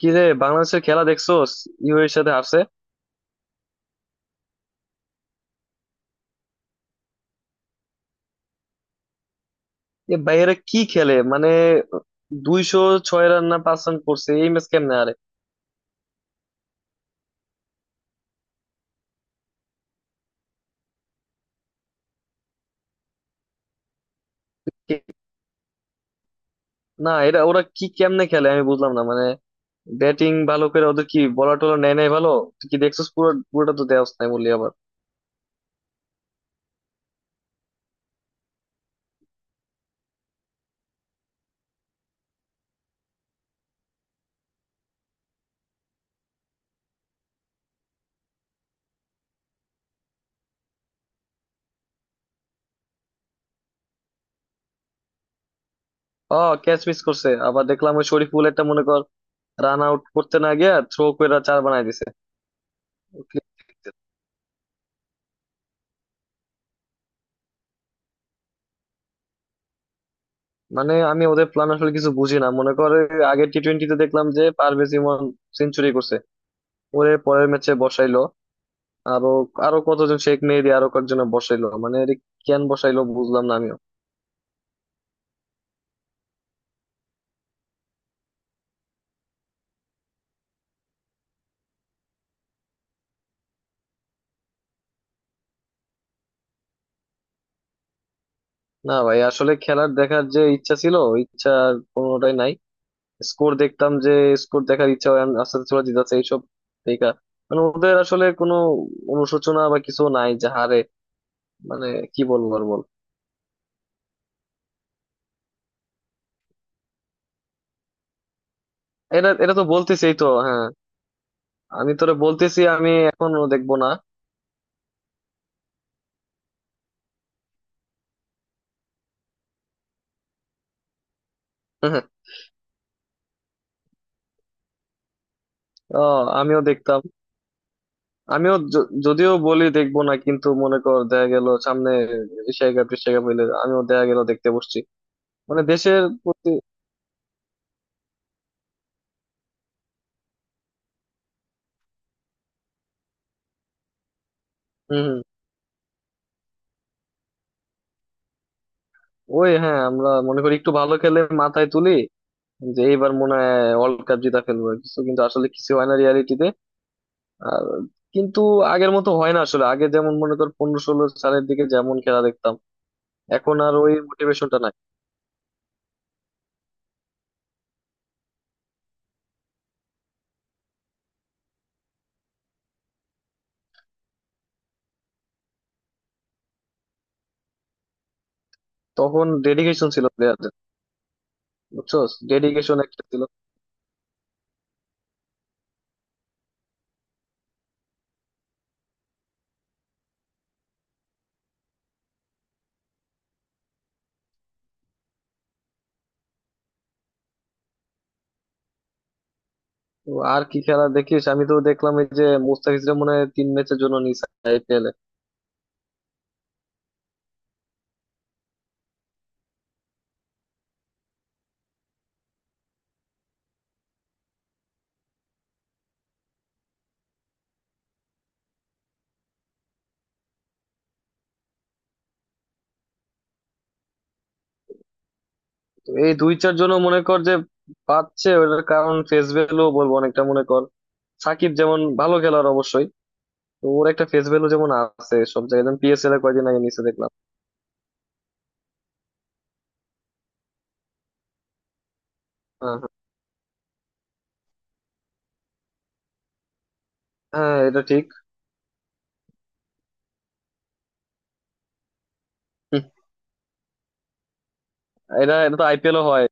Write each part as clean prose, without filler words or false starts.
কি রে, বাংলাদেশের খেলা দেখছোস? ইউএর সাথে হারছে। এ ভাইয়েরা কি খেলে মানে, 206 রান না 5 রান করছে, এই ম্যাচ কেমনে আরে! কে- না, এটা ওরা কি কেমনে খেলে আমি বুঝলাম না মানে, ব্যাটিং ভালো করে, ওদের কি বলা টলা নেয় নাই ভালো? তুই কি দেখছিস পুরো? পুরোটা তো দেওয়া নাই বললি আবার। ও, ক্যাচ মিস করছে আবার দেখলাম, ওই শরীফুল একটা মনে কর, রান আউট করতে না গিয়ে থ্রো করে চার বানাই দিছে। মানে আমি ওদের প্ল্যান আসলে কিছু বুঝি না, মনে কর আগের টি টোয়েন্টিতে দেখলাম যে পারভেজ ইমন সেঞ্চুরি করছে, ওরে পরের ম্যাচে বসাইলো, আরো আরো কতজন শেখ মেহেদী আরো কয়েকজন বসাইলো, মানে এর কেন বসাইলো বুঝলাম না আমিও। না ভাই, আসলে খেলার দেখার যে ইচ্ছা ছিল, ইচ্ছা আর কোনোটাই নাই। স্কোর দেখতাম যে, স্কোর দেখার ইচ্ছা হয়, আস্তে আস্তে চলে যেতেছে এইসব দেখা। মানে ওদের আসলে কোনো অনুশোচনা বা কিছু নাই যে হারে মানে। কি বলবো আর বল। এটা এটা তো বলতেছি এই তো, হ্যাঁ। আমি তোরে বলতেছি, আমি এখনো দেখবো না। ও, আমিও দেখতাম। আমিও যদিও বলি দেখবো না, কিন্তু মনে কর দেখা গেল সামনে এশিয়া কাপ টেশিয়া কাপ হইলে আমিও দেখা গেল দেখতে বসছি, মানে দেশের প্রতি। হম হম। ওই হ্যাঁ, আমরা মনে করি একটু ভালো খেলে মাথায় তুলি যে এইবার মনে হয় ওয়ার্ল্ড কাপ জিতা ফেলবো কিছু, কিন্তু আসলে কিছু হয় না রিয়ালিটিতে। আর কিন্তু আগের মতো হয় না আসলে, আগে যেমন মনে কর 15-16 সালের দিকে যেমন খেলা দেখতাম, এখন আর ওই মোটিভেশনটা নাই। তখন ডেডিকেশন ছিল প্লেয়ারদের। বুঝছো, ডেডিকেশন একটা ছিল। তো আর কি খেলা দেখিস? আমি তো দেখলাম এই যে মুস্তাফিজরা মনে হয় 3 ম্যাচের জন্য নিছে আইপিএল এ। তো এই দুই চার জন্য মনে কর যে পাচ্ছে, ওটার কারণ ফেস ভ্যালু বলবো অনেকটা, মনে কর সাকিব যেমন ভালো খেলোয়াড় অবশ্যই, তো ওর একটা ফেস ভ্যালু যেমন আছে সব জায়গায়, যেমন পিএসএল এ কয়দিন আগে নিচে দেখলাম। হ্যাঁ হ্যাঁ। হ্যাঁ, এটা ঠিক। হুম। এটা এটা তো আইপিএল হয়।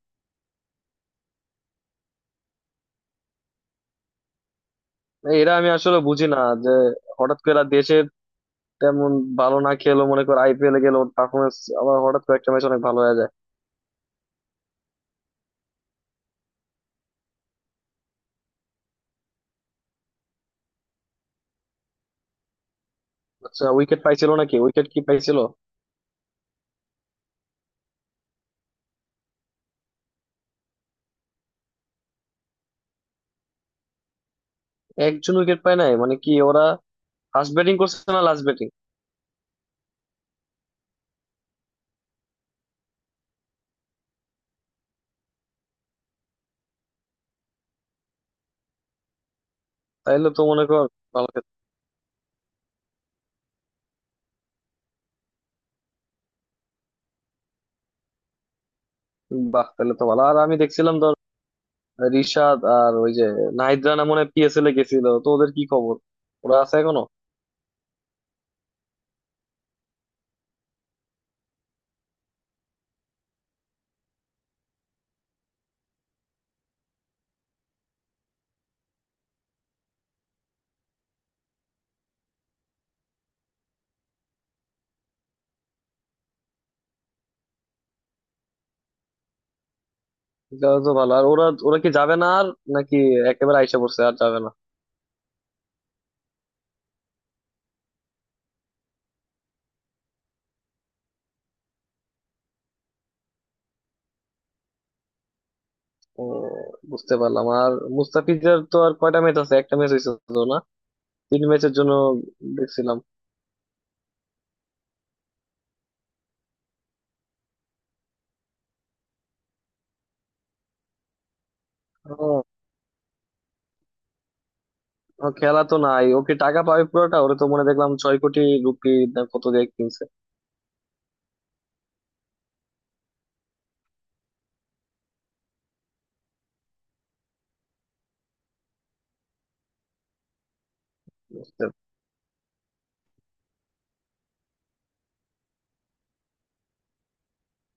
এরা আমি আসলে বুঝি না যে হঠাৎ করে এরা দেশের তেমন ভালো না খেলো, মনে কর আইপিএল এ গেলো পারফরমেন্স আবার হঠাৎ করে একটা ম্যাচ অনেক ভালো হয়ে যায়। আচ্ছা, উইকেট পাইছিল নাকি? উইকেট কি পাইছিল? একজন উইকেট পায় নাই মানে কি? ওরা ফার্স্ট ব্যাটিং করছে না লাস্ট ব্যাটিং? তাইলে তো মনে কর ভালো খেলছে। বাহ, তাহলে তো ভালো। আর আমি দেখছিলাম ধর রিশাদ আর ওই যে নাহিদ রানা মনে হয় পিএসএল এ গেছিল, তো ওদের কি খবর? ওরা আছে এখনো? তাহলে তো ভালো। আর ওরা ওরা কি যাবে না আর, নাকি একেবারে আইসা পড়ছে আর যাবে না? ও, বুঝতে পারলাম। আর মুস্তাফিজের তো আর কয়টা ম্যাচ আছে? একটা ম্যাচ হয়েছে তো না, 3 ম্যাচের জন্য দেখছিলাম। ও, ও খেলা তো নাই, ওকে টাকা পাবে পুরোটা? ওরে তো মনে হয় দেখলাম 6 কোটি রুপি না কত দিয়ে কিনছে।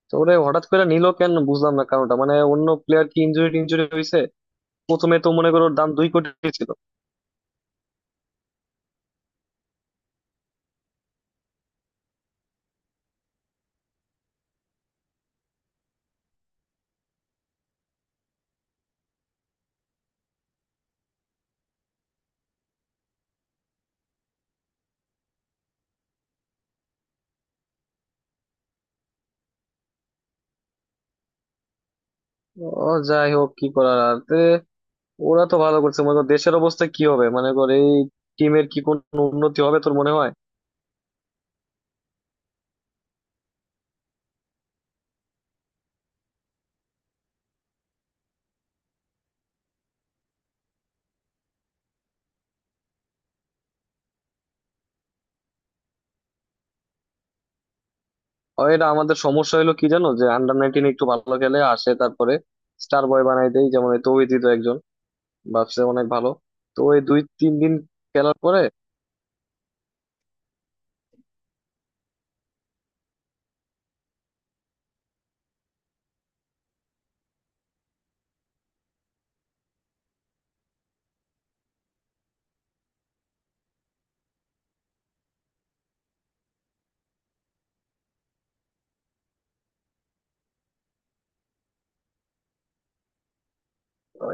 তো ওরে হঠাৎ করে নিল কেন বুঝলাম না, কারণটা মানে অন্য প্লেয়ার কি ইনজুরি টিনজুরি হয়েছে? প্রথমে তো মনে করো ওর দাম 2 কোটি ছিল। ও, যাই হোক, কি করার আর তে, ওরা তো ভালো করছে, মনে করো দেশের অবস্থা কি হবে, মানে কর এই টিমের কি কোনো উন্নতি হবে তোর মনে হয়? আর এটা আমাদের সমস্যা হলো কি জানো, যে আন্ডার 19 একটু ভালো খেলে আসে তারপরে স্টার বয় বানাই দেয়, যেমন এই তৌহিদি তো একজন, ভাবছে অনেক ভালো। তো ওই 2-3 দিন খেলার পরে,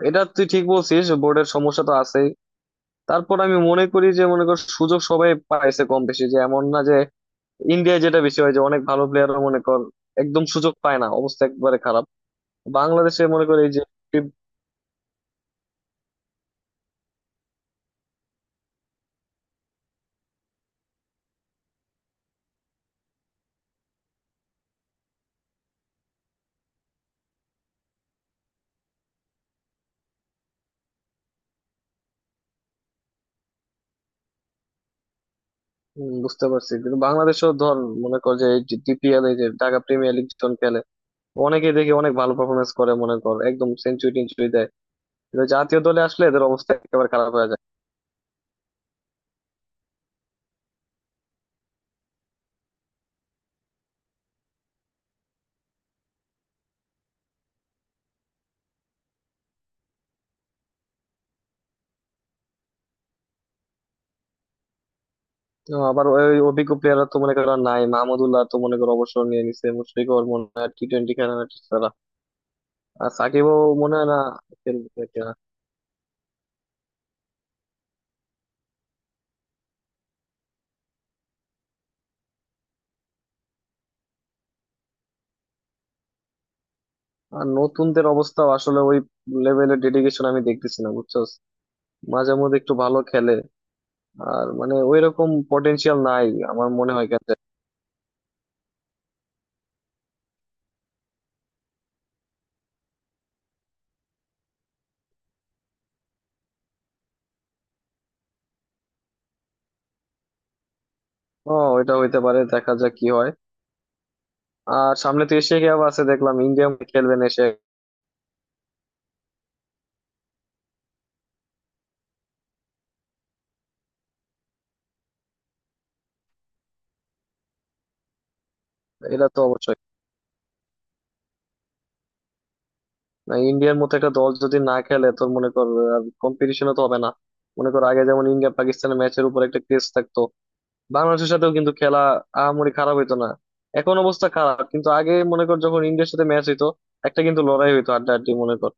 এটা তুই ঠিক বলছিস, বোর্ডের সমস্যা তো আছে। তারপর আমি মনে করি যে মনে কর সুযোগ সবাই পাইছে কম বেশি, যে এমন না যে ইন্ডিয়ায় যেটা বেশি হয় যে অনেক ভালো প্লেয়ারও মনে কর একদম সুযোগ পায় না, অবস্থা একবারে খারাপ। বাংলাদেশে মনে কর এই যে উম, বুঝতে পারছি, কিন্তু বাংলাদেশও ধর মনে কর যে এই যে ডিপিএল, এই যে ঢাকা প্রিমিয়ার লিগ যখন খেলে, অনেকে দেখি অনেক ভালো পারফরমেন্স করে, মনে কর একদম সেঞ্চুরি টেঞ্চুরি দেয়, কিন্তু জাতীয় দলে আসলে এদের অবস্থা একেবারে খারাপ হয়ে যায়। তো আবার ওই অভিজ্ঞ প্লেয়াররা তো মনে করো আর নাই, মাহমুদুল্লাহ তো মনে করো অবসর নিয়ে নিছে, মুশফিকও ওর মনে হয় টি টোয়েন্টি খেলা, আর সাকিবও মনে হয় না খেলবে কিনা। আর নতুনদের অবস্থা আসলে ওই লেভেলের ডেডিকেশন আমি দেখতেছি না, বুঝছো, মাঝে মধ্যে একটু ভালো খেলে, আর মানে ওই রকম পটেনশিয়াল নাই। আমার মনে হয় কাছে, ও, এটা হইতে পারে, দেখা যাক কি হয়। আর সামনে তো এশিয়া কাপ আছে, দেখলাম ইন্ডিয়া খেলবেন এশিয়া। এটা তো অবশ্যই, না, ইন্ডিয়ার মতো একটা দল যদি না খেলে তোর, মনে কর কম্পিটিশনও তো হবে না। মনে কর আগে যেমন ইন্ডিয়া পাকিস্তানের ম্যাচের উপর একটা ক্রেজ থাকতো, বাংলাদেশের সাথেও কিন্তু খেলা আহামরি খারাপ হইতো না। এখন অবস্থা খারাপ, কিন্তু আগে মনে কর যখন ইন্ডিয়ার সাথে ম্যাচ হইতো, একটা কিন্তু লড়াই হইতো আড্ডাআড্ডি মনে কর।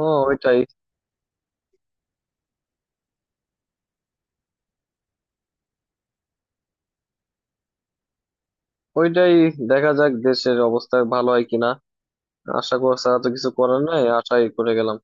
ও, ওইটাই ওইটাই দেখা যাক দেশের অবস্থা ভালো হয় কিনা। আশা করা ছাড়া তো কিছু করার নাই, আশাই করে গেলাম।